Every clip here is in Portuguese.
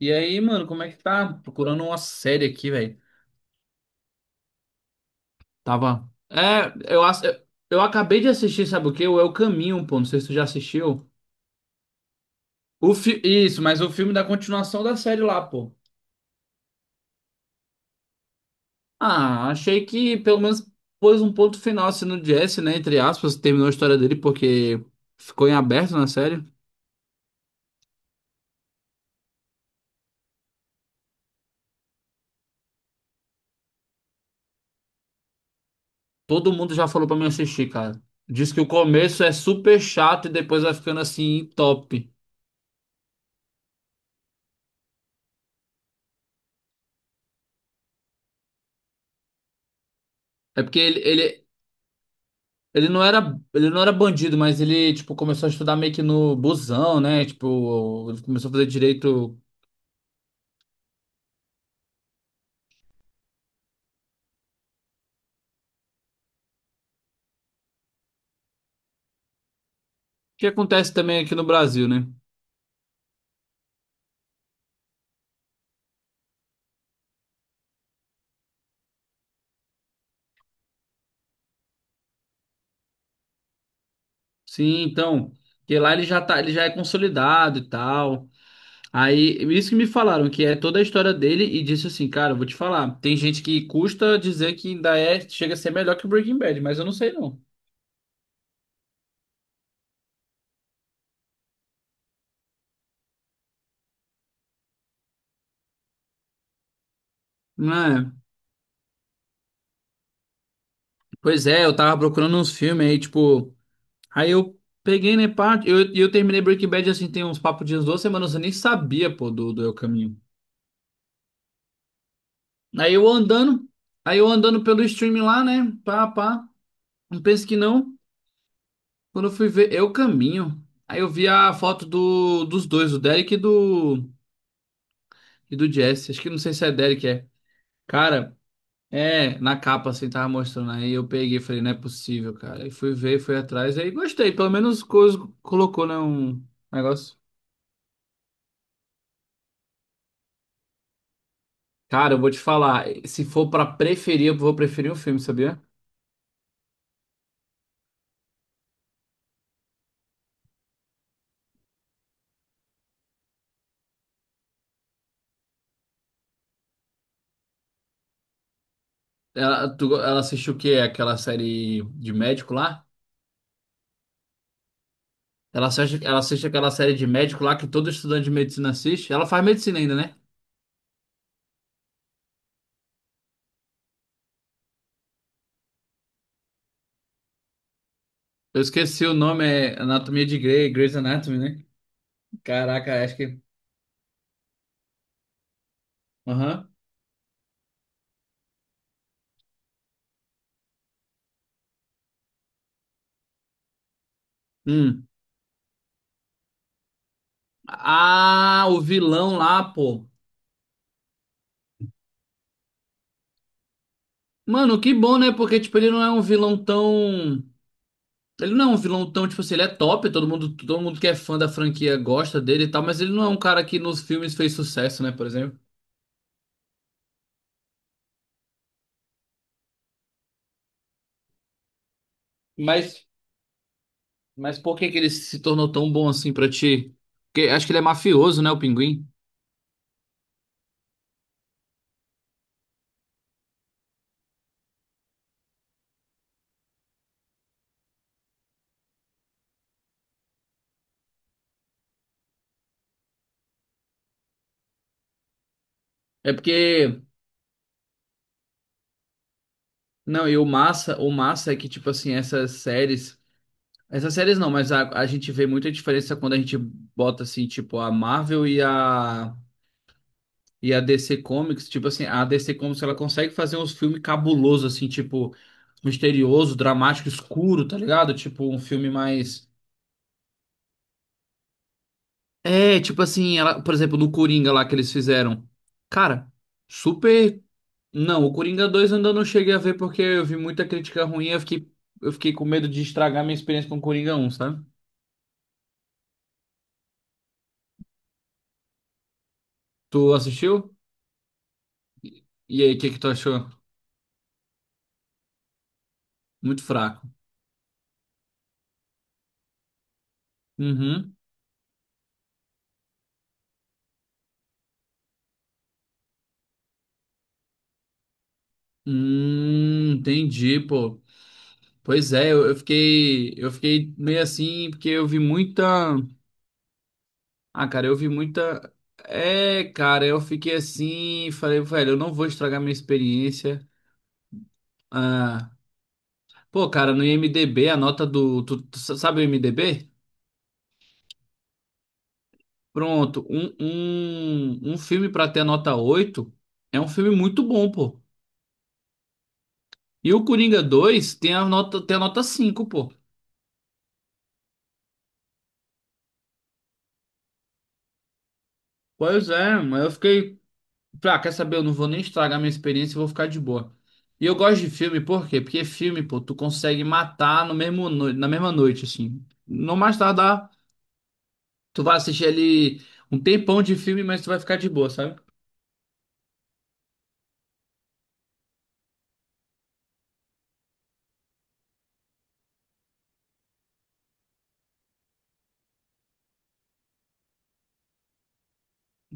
E aí, mano, como é que tá? Procurando uma série aqui, velho. Tava. Eu acabei de assistir, sabe o quê? O É o Caminho, pô. Não sei se tu já assistiu. Isso, mas o filme da continuação da série lá, pô. Ah, achei que pelo menos pôs um ponto final assim no Jesse, né? Entre aspas, terminou a história dele porque ficou em aberto na série. Todo mundo já falou pra mim assistir, cara. Diz que o começo é super chato e depois vai ficando assim, top. É porque ele, ele, ele não era bandido, mas ele, tipo, começou a estudar meio que no busão, né? Tipo, ele começou a fazer direito. O que acontece também aqui no Brasil, né? Sim, então, que lá ele já tá, ele já é consolidado e tal. Aí, isso que me falaram, que é toda a história dele, e disse assim, cara, eu vou te falar, tem gente que custa dizer que ainda é, chega a ser melhor que o Breaking Bad, mas eu não sei não. Não é? Pois é, eu tava procurando uns filmes aí, tipo, aí eu peguei, né, pá, eu terminei Breaking Bad, assim, tem uns papos de uns duas semanas, eu nem sabia, pô, do El Caminho. Aí eu andando, aí eu andando pelo stream lá, né, pá, pá, não penso que não, quando eu fui ver Eu Caminho, aí eu vi a foto dos dois, do Derek e do Jesse, acho que não sei se é Derek, é. Cara, é, na capa, assim, tava mostrando, aí eu peguei, e falei, não é possível, cara, aí fui ver, fui atrás, aí gostei, pelo menos coisa, colocou, né, um negócio. Cara, eu vou te falar, se for pra preferir, eu vou preferir o filme, sabia? Ela, tu, ela assistiu o quê? Aquela série de médico lá? Ela assiste aquela série de médico lá que todo estudante de medicina assiste. Ela faz medicina ainda, né? Eu esqueci o nome, é Anatomia de Grey, Grey's Anatomy, né? Caraca, acho que. Aham. Hum. Ah, o vilão lá, pô. Mano, que bom, né? Porque, tipo, ele não é um vilão tão. Ele não é um vilão tão, tipo assim, ele é top, todo mundo que é fã da franquia gosta dele e tal, mas ele não é um cara que nos filmes fez sucesso, né, por exemplo. Mas, mas por que que ele se tornou tão bom assim pra ti? Porque acho que ele é mafioso, né, o Pinguim? É porque, não, e o massa é que, tipo assim, essas séries não, mas a gente vê muita diferença quando a gente bota, assim, tipo, a Marvel e a DC Comics, tipo assim, a DC Comics ela consegue fazer uns filmes cabulosos, assim, tipo, misterioso, dramático, escuro, tá ligado? Tipo, um filme mais. É, tipo assim, ela, por exemplo, no Coringa lá que eles fizeram. Cara, super. Não, o Coringa dois eu ainda não cheguei a ver porque eu vi muita crítica ruim e eu fiquei com medo de estragar minha experiência com o Coringa um, sabe? Tu assistiu? E e aí, o que que tu achou? Muito fraco. Uhum. Entendi, pô. Pois é, eu fiquei meio assim, porque eu vi muita. Ah, cara, eu vi muita. É, cara, eu fiquei assim, falei, velho, eu não vou estragar minha experiência. Ah, pô, cara, no IMDb, a nota do. Sabe o IMDb? Pronto, um filme pra ter a nota 8 é um filme muito bom, pô. E o Coringa dois tem a nota cinco, pô. Pois é, mas eu fiquei. Pra quer saber? Eu não vou nem estragar minha experiência, eu vou ficar de boa. E eu gosto de filme, por quê? Porque filme, pô, tu consegue matar no mesmo na mesma noite, assim. Não mais tardar, tu vai assistir ali um tempão de filme, mas tu vai ficar de boa, sabe?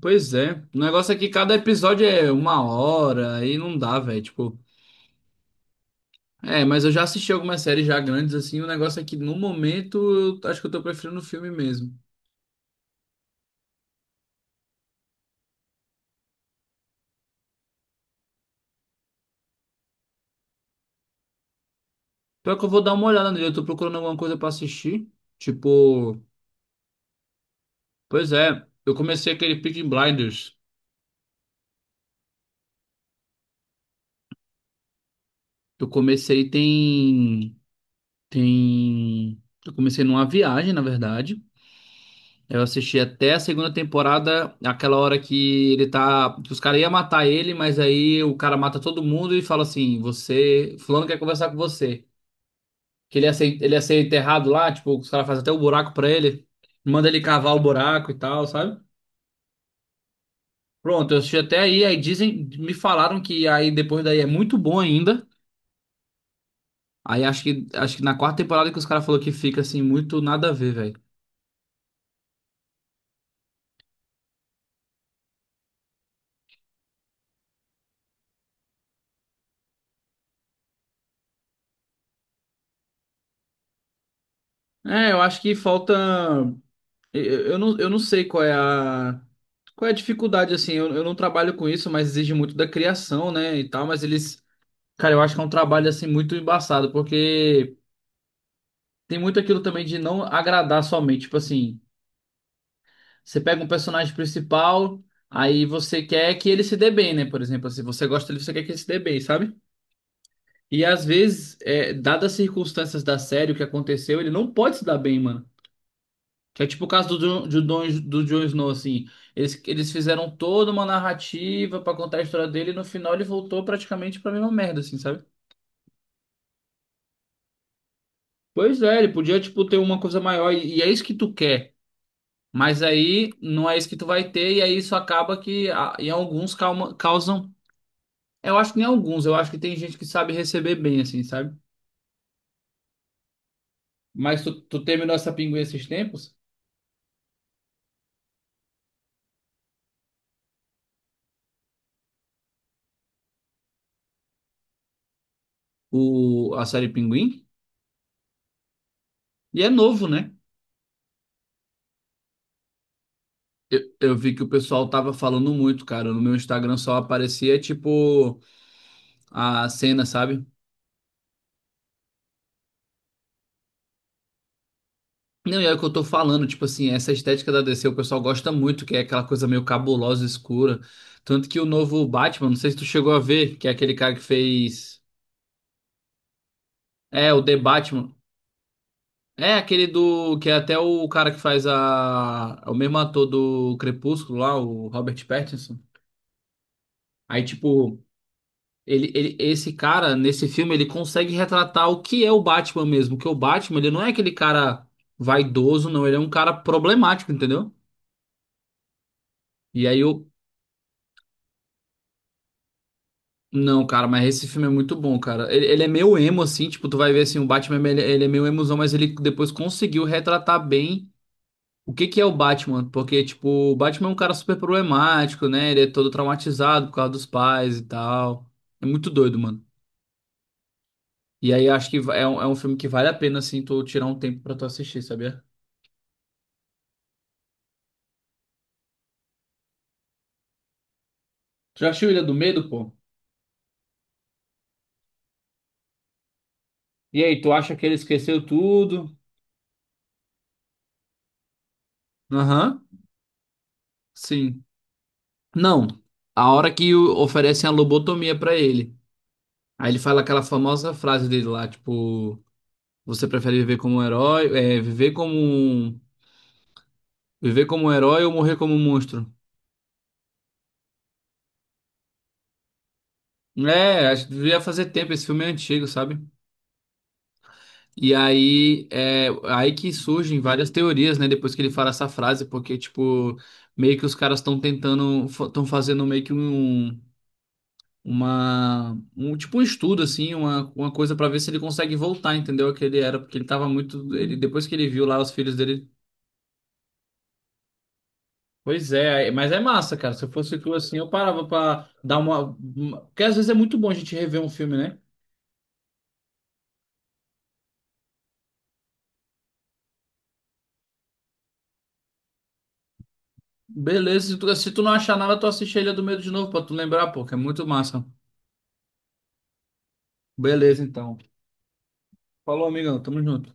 Pois é. O negócio é que cada episódio é uma hora, aí não dá, velho. Tipo, é, mas eu já assisti algumas séries já grandes, assim. O negócio é que no momento, eu acho que eu tô preferindo o filme mesmo. Pior que eu vou dar uma olhada nele, eu tô procurando alguma coisa pra assistir. Tipo. Pois é, eu comecei aquele Peaky Blinders. Eu comecei tem eu comecei numa viagem, na verdade. Eu assisti até a segunda temporada, aquela hora que ele tá, que os caras iam matar ele, mas aí o cara mata todo mundo e fala assim: "Você, fulano quer conversar com você". Que ele ia ser enterrado lá, tipo, os caras fazem até o buraco pra ele, manda ele cavar o buraco e tal, sabe? Pronto, eu assisti até aí, me falaram que aí depois daí é muito bom ainda. Aí acho que na quarta temporada que os caras falaram que fica assim, muito nada a ver, velho. É, eu acho que falta. Eu, eu não, sei qual é a. Qual é a dificuldade, assim? Eu não trabalho com isso, mas exige muito da criação, né? E tal, mas eles. Cara, eu acho que é um trabalho, assim, muito embaçado, porque tem muito aquilo também de não agradar somente. Tipo assim, você pega um personagem principal, aí você quer que ele se dê bem, né? Por exemplo, se você gosta dele, você quer que ele se dê bem, sabe? E às vezes, é, dadas as circunstâncias da série, o que aconteceu, ele não pode se dar bem, mano. Que é tipo o caso do Jon Snow, assim. Eles fizeram toda uma narrativa pra contar a história dele e no final ele voltou praticamente pra mesma merda, assim, sabe? Pois é, ele podia, tipo, ter uma coisa maior e é isso que tu quer. Mas aí não é isso que tu vai ter e aí isso acaba que causam... Eu acho que nem alguns, eu acho que tem gente que sabe receber bem, assim, sabe? Mas tu terminou essa Pinguim esses tempos? O, a série Pinguim? E é novo, né? Eu vi que o pessoal tava falando muito, cara. No meu Instagram só aparecia, tipo, a cena, sabe? Não, e é o que eu tô falando, tipo assim, essa estética da DC o pessoal gosta muito, que é aquela coisa meio cabulosa, escura. Tanto que o novo Batman, não sei se tu chegou a ver, que é aquele cara que fez. É, o The Batman. É aquele do. Que é até o cara que faz a. É o mesmo ator do Crepúsculo lá, o Robert Pattinson. Aí, tipo, esse cara, nesse filme, ele consegue retratar o que é o Batman mesmo. Que o Batman, ele não é aquele cara vaidoso, não. Ele é um cara problemático, entendeu? E aí eu. Não, cara, mas esse filme é muito bom, cara. Ele é meio emo, assim, tipo, tu vai ver assim, o Batman, ele é meio emozão, mas ele depois conseguiu retratar bem o que que é o Batman. Porque, tipo, o Batman é um cara super problemático, né? Ele é todo traumatizado por causa dos pais e tal. É muito doido, mano. E aí acho que é um filme que vale a pena, assim, tu tirar um tempo pra tu assistir, sabia? Já assistiu Ilha do Medo, pô? E aí, tu acha que ele esqueceu tudo? Aham, sim. Não, a hora que oferecem a lobotomia pra ele. Aí ele fala aquela famosa frase dele lá, tipo, você prefere viver como um herói, é, viver como um herói ou morrer como um monstro? É, acho que devia fazer tempo, esse filme é antigo, sabe? Aí que surgem várias teorias, né, depois que ele fala essa frase, porque, tipo, meio que os caras estão tentando, estão fazendo meio que um uma um tipo um estudo assim, uma coisa pra ver se ele consegue voltar, entendeu? O que ele era, porque ele tava muito, ele depois que ele viu lá os filhos dele. Pois é, aí- mas é massa, cara. Se eu fosse tu assim, eu parava pra dar porque às vezes é muito bom a gente rever um filme, né? Beleza, se se tu não achar nada, tu assiste a Ilha do Medo de novo pra tu lembrar, pô, que é muito massa. Beleza, então. Falou, amigão, tamo junto.